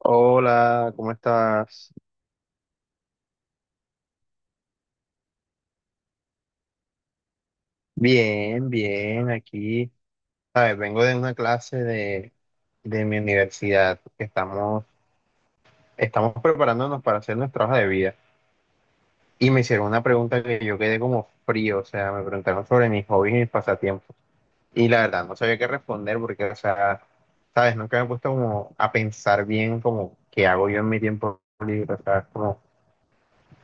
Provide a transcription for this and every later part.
Hola, ¿cómo estás? Bien, bien, aquí. Sabes, vengo de una clase de mi universidad que estamos preparándonos para hacer nuestra hoja de vida. Y me hicieron una pregunta que yo quedé como frío, o sea, me preguntaron sobre mis hobbies y mis pasatiempos. Y la verdad, no sabía qué responder porque, o sea, sabes, nunca me he puesto como a pensar bien como qué hago yo en mi tiempo libre, o sea, es como,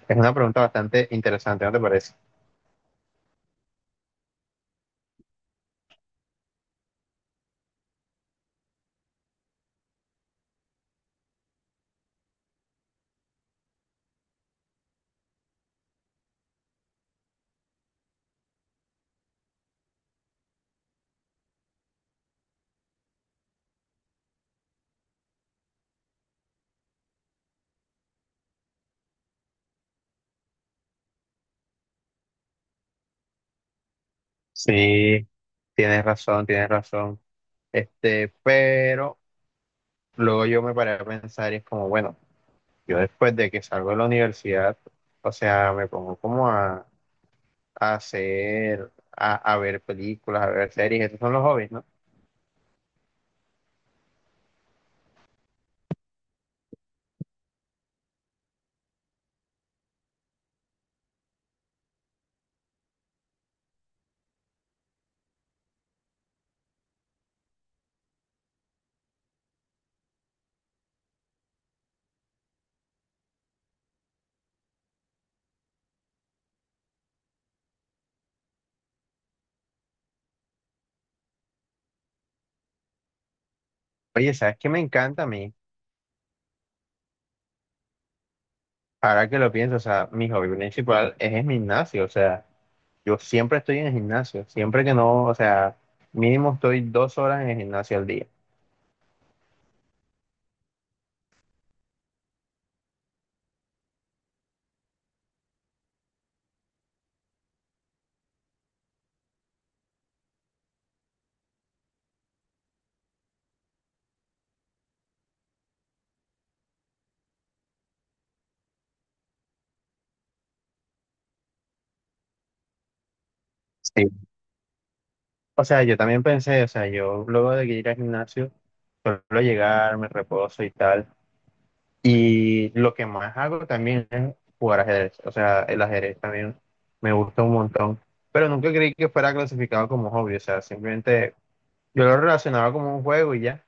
es una pregunta bastante interesante, ¿no te parece? Sí, tienes razón, tienes razón. Este, pero luego yo me paré a pensar y es como, bueno, yo después de que salgo de la universidad, o sea, me pongo como a hacer, a ver películas, a ver series, estos son los hobbies, ¿no? Oye, ¿sabes qué me encanta a mí? Ahora que lo pienso, o sea, mi hobby principal es el gimnasio, o sea, yo siempre estoy en el gimnasio, siempre que no, o sea, mínimo estoy 2 horas en el gimnasio al día. O sea, yo también pensé, o sea, yo luego de ir al gimnasio, suelo llegar, me reposo y tal. Y lo que más hago también es jugar ajedrez. O sea, el ajedrez también me gusta un montón. Pero nunca creí que fuera clasificado como hobby. O sea, simplemente yo lo relacionaba como un juego y ya.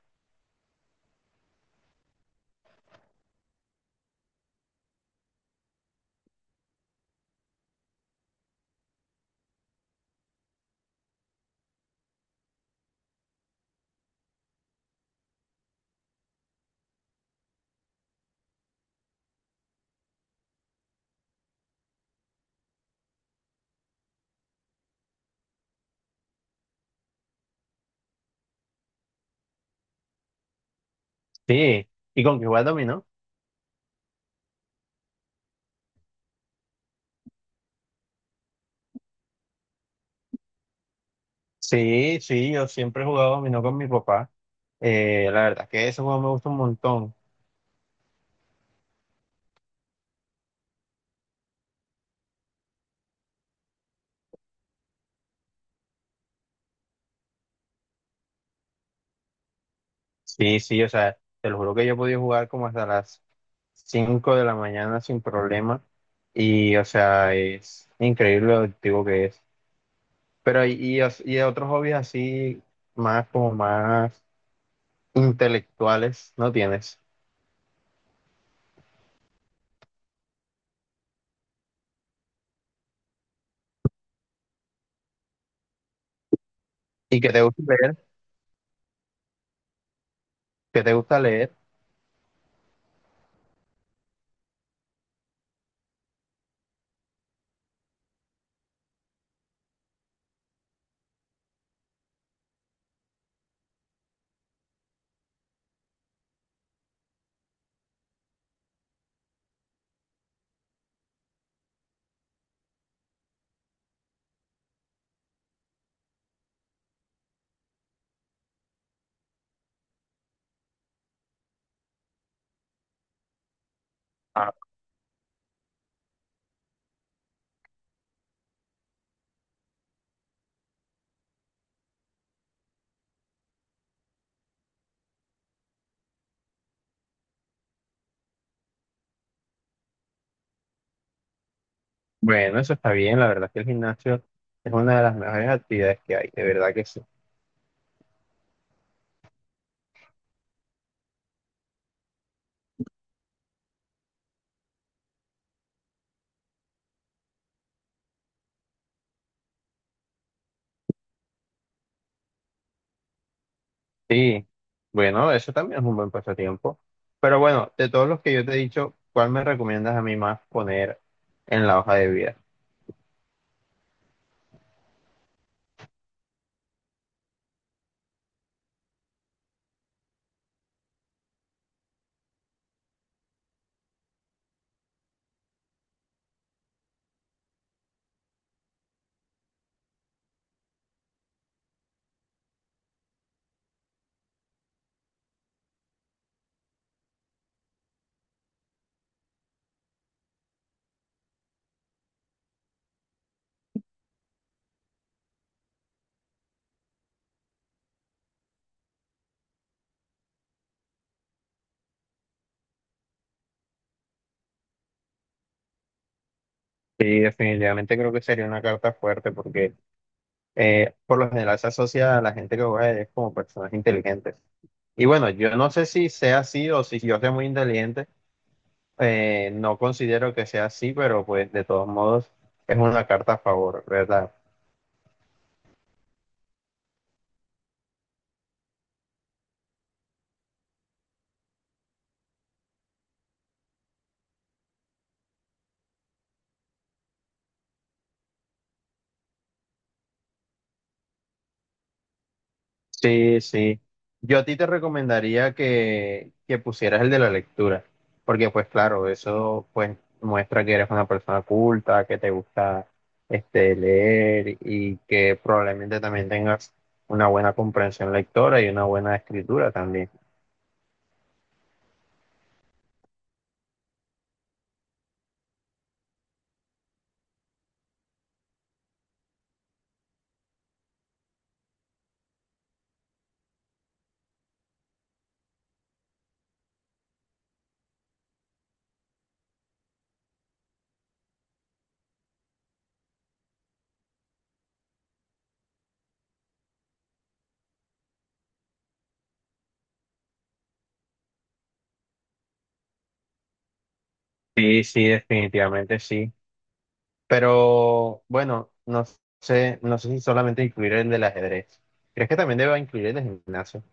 Sí. ¿Y con qué jugar dominó? Sí, sí, yo siempre he jugado dominó con mi papá. La verdad es que ese juego me gusta un montón. Sí, sí, o sea, te lo juro que yo he podido jugar como hasta las 5 de la mañana sin problema y, o sea, es increíble lo adictivo que es. Pero y otros hobbies así, más como más intelectuales, ¿no tienes? ¿Y que te gusta leer? ¿Que te gusta leer? Ah, bueno, eso está bien, la verdad es que el gimnasio es una de las mejores actividades que hay, de verdad que sí. Sí, bueno, eso también es un buen pasatiempo. Pero bueno, de todos los que yo te he dicho, ¿cuál me recomiendas a mí más poner en la hoja de vida? Sí, definitivamente creo que sería una carta fuerte porque por lo general se asocia a la gente que juega ajedrez como personas inteligentes. Y bueno, yo no sé si sea así o si yo sea muy inteligente, no considero que sea así, pero pues de todos modos es una carta a favor, ¿verdad? Sí, sí. Yo a ti te recomendaría que pusieras el de la lectura, porque pues claro, eso pues muestra que eres una persona culta, que te gusta este, leer y que probablemente también tengas una buena comprensión lectora y una buena escritura también. Sí, sí, definitivamente sí. Pero bueno, no sé, no sé si solamente incluir el del ajedrez. ¿Crees que también deba incluir el de gimnasio?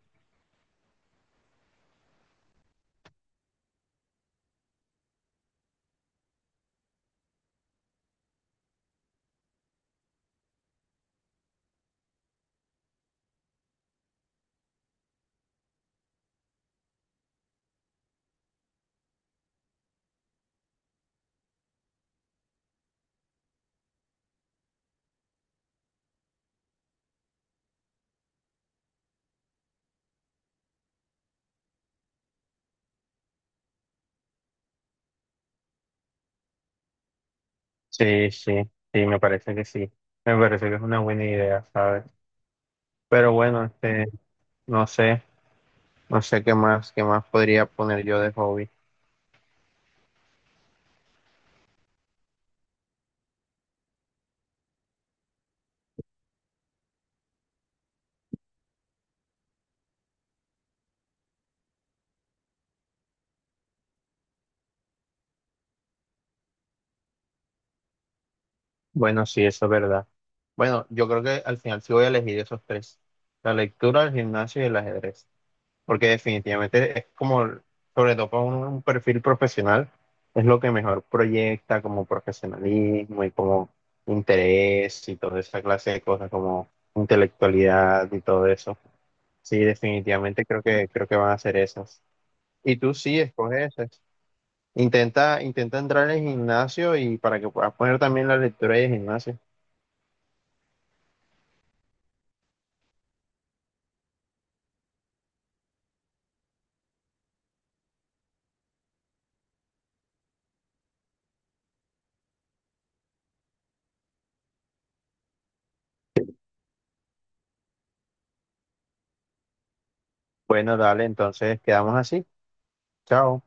Sí, sí, sí, me parece que sí. Me parece que es una buena idea, ¿sabes? Pero bueno, este, no sé, no sé qué más podría poner yo de hobby. Bueno, sí, eso es verdad. Bueno, yo creo que al final sí voy a elegir esos tres. La lectura, el gimnasio y el ajedrez. Porque definitivamente es como, sobre todo para un perfil profesional, es lo que mejor proyecta como profesionalismo y como interés y toda esa clase de cosas como intelectualidad y todo eso. Sí, definitivamente creo que van a ser esas. Y tú sí, escoge esas. Intenta, intenta entrar en el gimnasio y para que puedas poner también la lectura de gimnasio. Bueno, dale, entonces quedamos así. Chao.